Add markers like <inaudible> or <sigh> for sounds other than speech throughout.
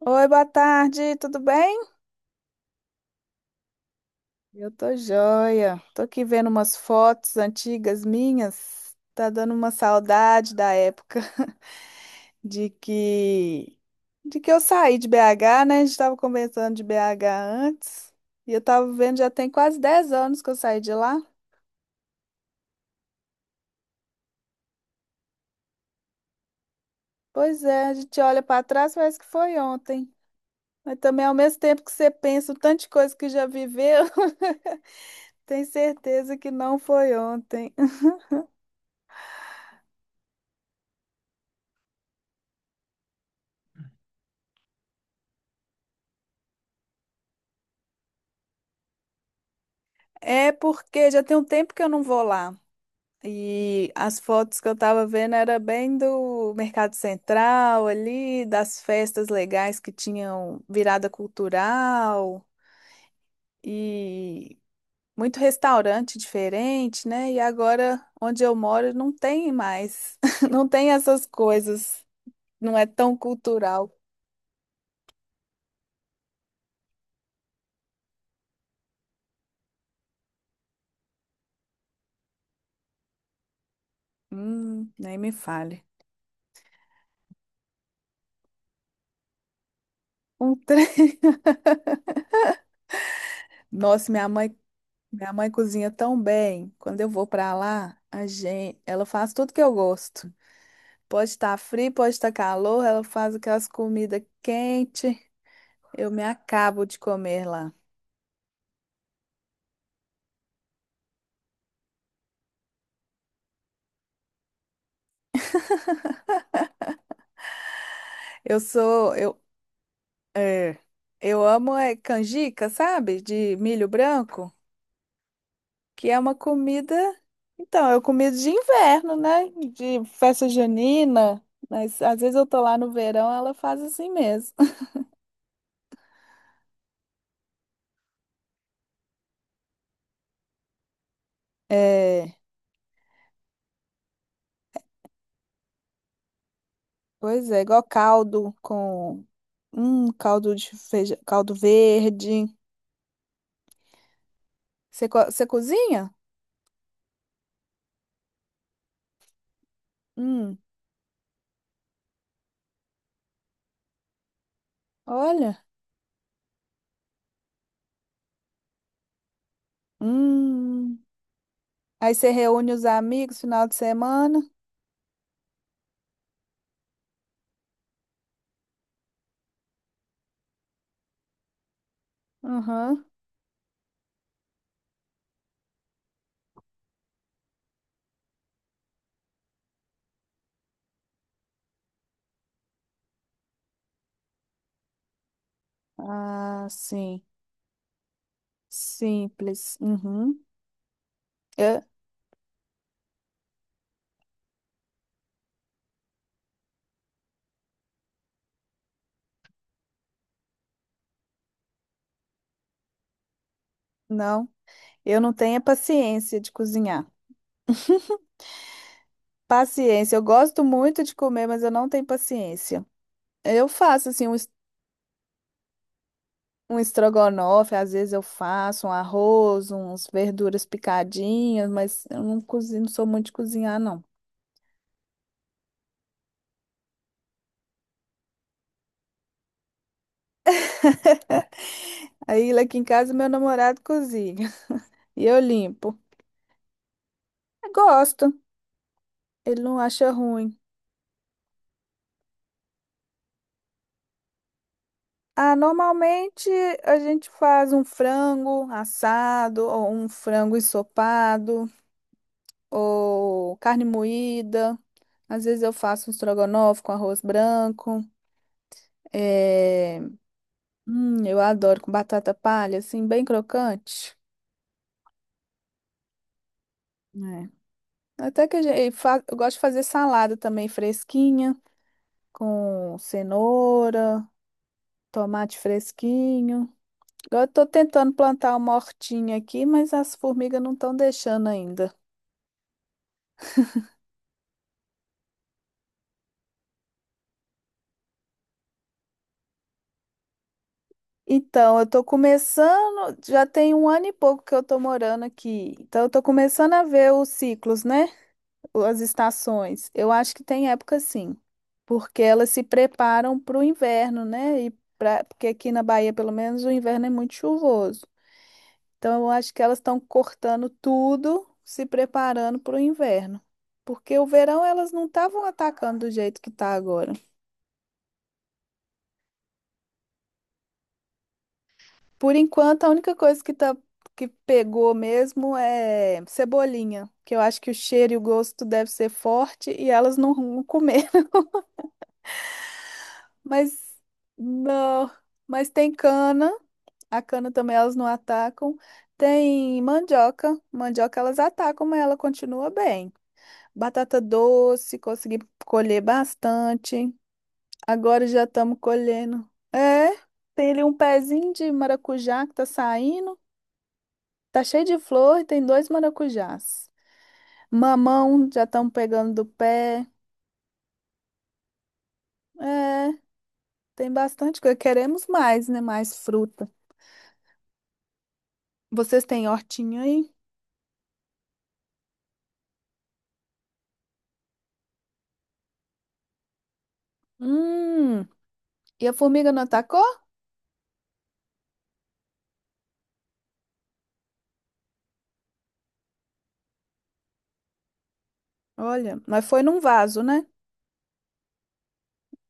Oi, boa tarde, tudo bem? Eu tô joia. Tô aqui vendo umas fotos antigas minhas. Tá dando uma saudade da época <laughs> de que de que eu saí de BH, né? A gente tava conversando de BH antes. E eu tava vendo, já tem quase 10 anos que eu saí de lá. Pois é, a gente olha pra trás, parece que foi ontem. Mas também ao mesmo tempo que você pensa o tanto de coisa que já viveu, <laughs> tem certeza que não foi ontem. É porque já tem um tempo que eu não vou lá. E as fotos que eu tava vendo era bem do Mercado Central ali, das festas legais que tinham virada cultural e muito restaurante diferente, né? E agora onde eu moro não tem mais, <laughs> não tem essas coisas, não é tão cultural. Nem me fale. Um tre... <laughs> Nossa, minha mãe cozinha tão bem. Quando eu vou pra lá, a gente, ela faz tudo que eu gosto. Pode estar frio, pode estar calor, ela faz aquelas comidas quentes. Eu me acabo de comer lá. Eu sou, eu, é, eu amo é, canjica, sabe? De milho branco, que é uma comida. Então, é comida de inverno, né? De festa junina. Mas às vezes eu tô lá no verão, ela faz assim mesmo. <laughs> É, pois é, igual caldo com caldo de feijão, caldo verde. Você cozinha? Hum, olha. Hum. Aí você reúne os amigos final de semana? Uhum. Ah, sim. Simples. Uhum. Eu, não, eu não tenho a paciência de cozinhar. Paciência. Eu gosto muito de comer, mas eu não tenho paciência. Eu faço assim um estrogonofe, às vezes eu faço um arroz, uns verduras picadinhas, mas eu não cozinho, não sou muito de cozinhar, não. Aí lá aqui em casa meu namorado cozinha <laughs> e eu limpo. Eu gosto. Ele não acha ruim. Ah, normalmente a gente faz um frango assado, ou um frango ensopado, ou carne moída. Às vezes eu faço um estrogonofe com arroz branco. É, eu adoro com batata palha, assim, bem crocante, né? Até que a gente, eu gosto de fazer salada também fresquinha, com cenoura, tomate fresquinho. Agora eu tô tentando plantar uma hortinha aqui, mas as formigas não estão deixando ainda. Então, eu tô começando, já tem um ano e pouco que eu tô morando aqui. Então, eu tô começando a ver os ciclos, né? As estações. Eu acho que tem época sim, porque elas se preparam para o inverno, né? E pra, porque aqui na Bahia, pelo menos, o inverno é muito chuvoso. Então, eu acho que elas estão cortando tudo, se preparando para o inverno. Porque o verão elas não estavam atacando do jeito que tá agora. Por enquanto, a única coisa que tá que pegou mesmo é cebolinha, que eu acho que o cheiro e o gosto deve ser forte e elas não vão comer. <laughs> Mas não, tem cana, a cana também elas não atacam. Tem mandioca, mandioca elas atacam, mas ela continua bem. Batata doce, consegui colher bastante. Agora já estamos colhendo. É, tem ali um pezinho de maracujá que tá saindo. Tá cheio de flor e tem dois maracujás. Mamão já estão pegando do pé. É, tem bastante coisa. Queremos mais, né? Mais fruta. Vocês têm hortinha aí? Hum, e a formiga não atacou? Olha, mas foi num vaso, né?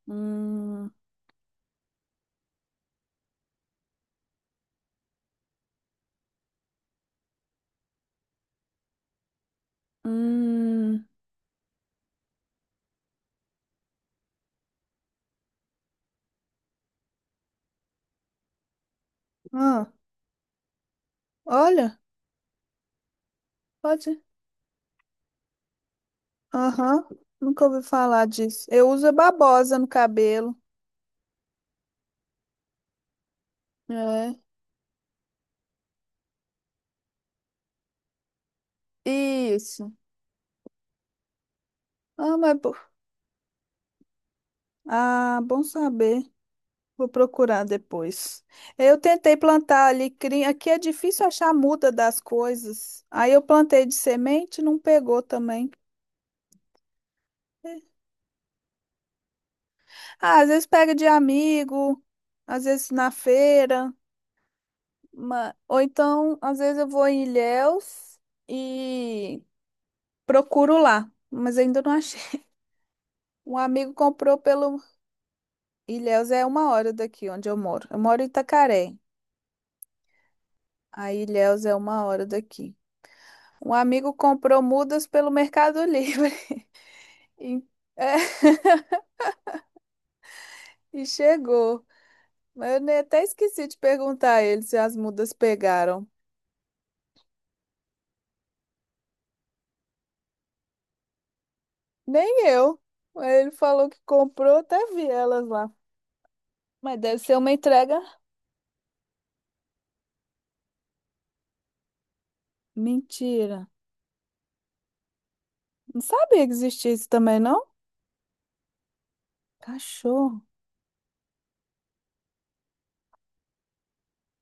Hum, hum. Ah, olha, pode. Aham, nunca ouvi falar disso. Eu uso a babosa no cabelo. É, isso. Ah, mas. Ah, bom saber. Vou procurar depois. Eu tentei plantar alecrim. Aqui é difícil achar a muda das coisas. Aí eu plantei de semente, não pegou também. Ah, às vezes pega de amigo, às vezes na feira. Ou então, às vezes eu vou em Ilhéus e procuro lá. Mas ainda não achei. Um amigo comprou pelo. Ilhéus é uma hora daqui onde eu moro. Eu moro em Itacaré. Aí Ilhéus é uma hora daqui. Um amigo comprou mudas pelo Mercado Livre. E, é, <laughs> e chegou. Mas eu até esqueci de perguntar a ele se as mudas pegaram. Nem eu. Ele falou que comprou, até vi elas lá. Mas deve ser uma entrega. Mentira. Não sabia que existia isso também, não? Cachorro.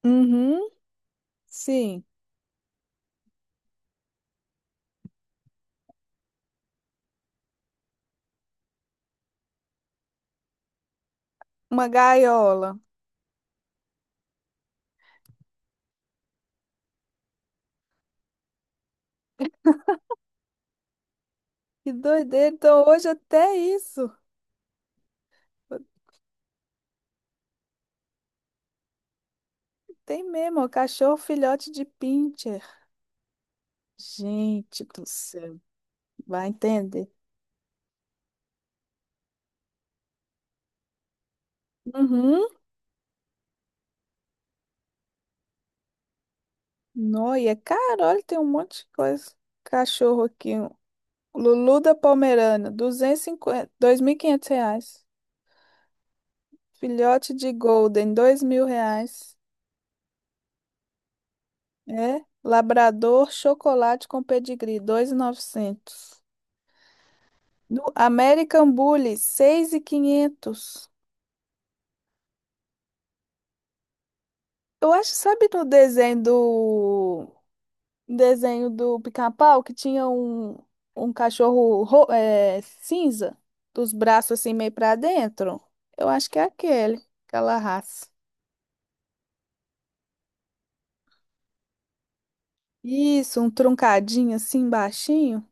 Uhum. Sim. Uma gaiola. Que doideira. Então hoje até isso. Tem mesmo, ó, cachorro filhote de pincher. Gente do céu. Vai entender. Uhum. Nó, e é caro, olha, tem um monte de coisa. Cachorro aqui, um Lulu da Pomerana, 250, R$ 500. Filhote de Golden, R$ 2.000. É, Labrador Chocolate com Pedigree, 2.900 do American Bully, 6.500. Eu acho, sabe no desenho do Pica-Pau que tinha um cachorro cinza, dos braços assim meio pra dentro. Eu acho que é aquele, aquela raça. Isso, um truncadinho assim baixinho.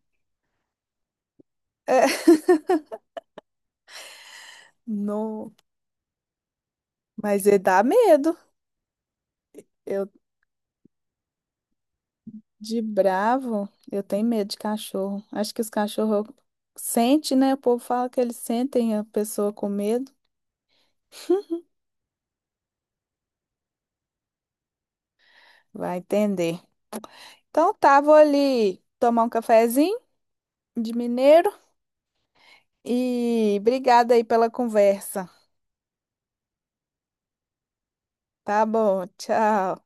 É, <laughs> no, mas ele dá medo. Eu de bravo, eu tenho medo de cachorro. Acho que os cachorros sentem, né? O povo fala que eles sentem a pessoa com medo. Vai entender. Então tá, vou ali tomar um cafezinho de mineiro. E obrigada aí pela conversa. Tá bom, tchau.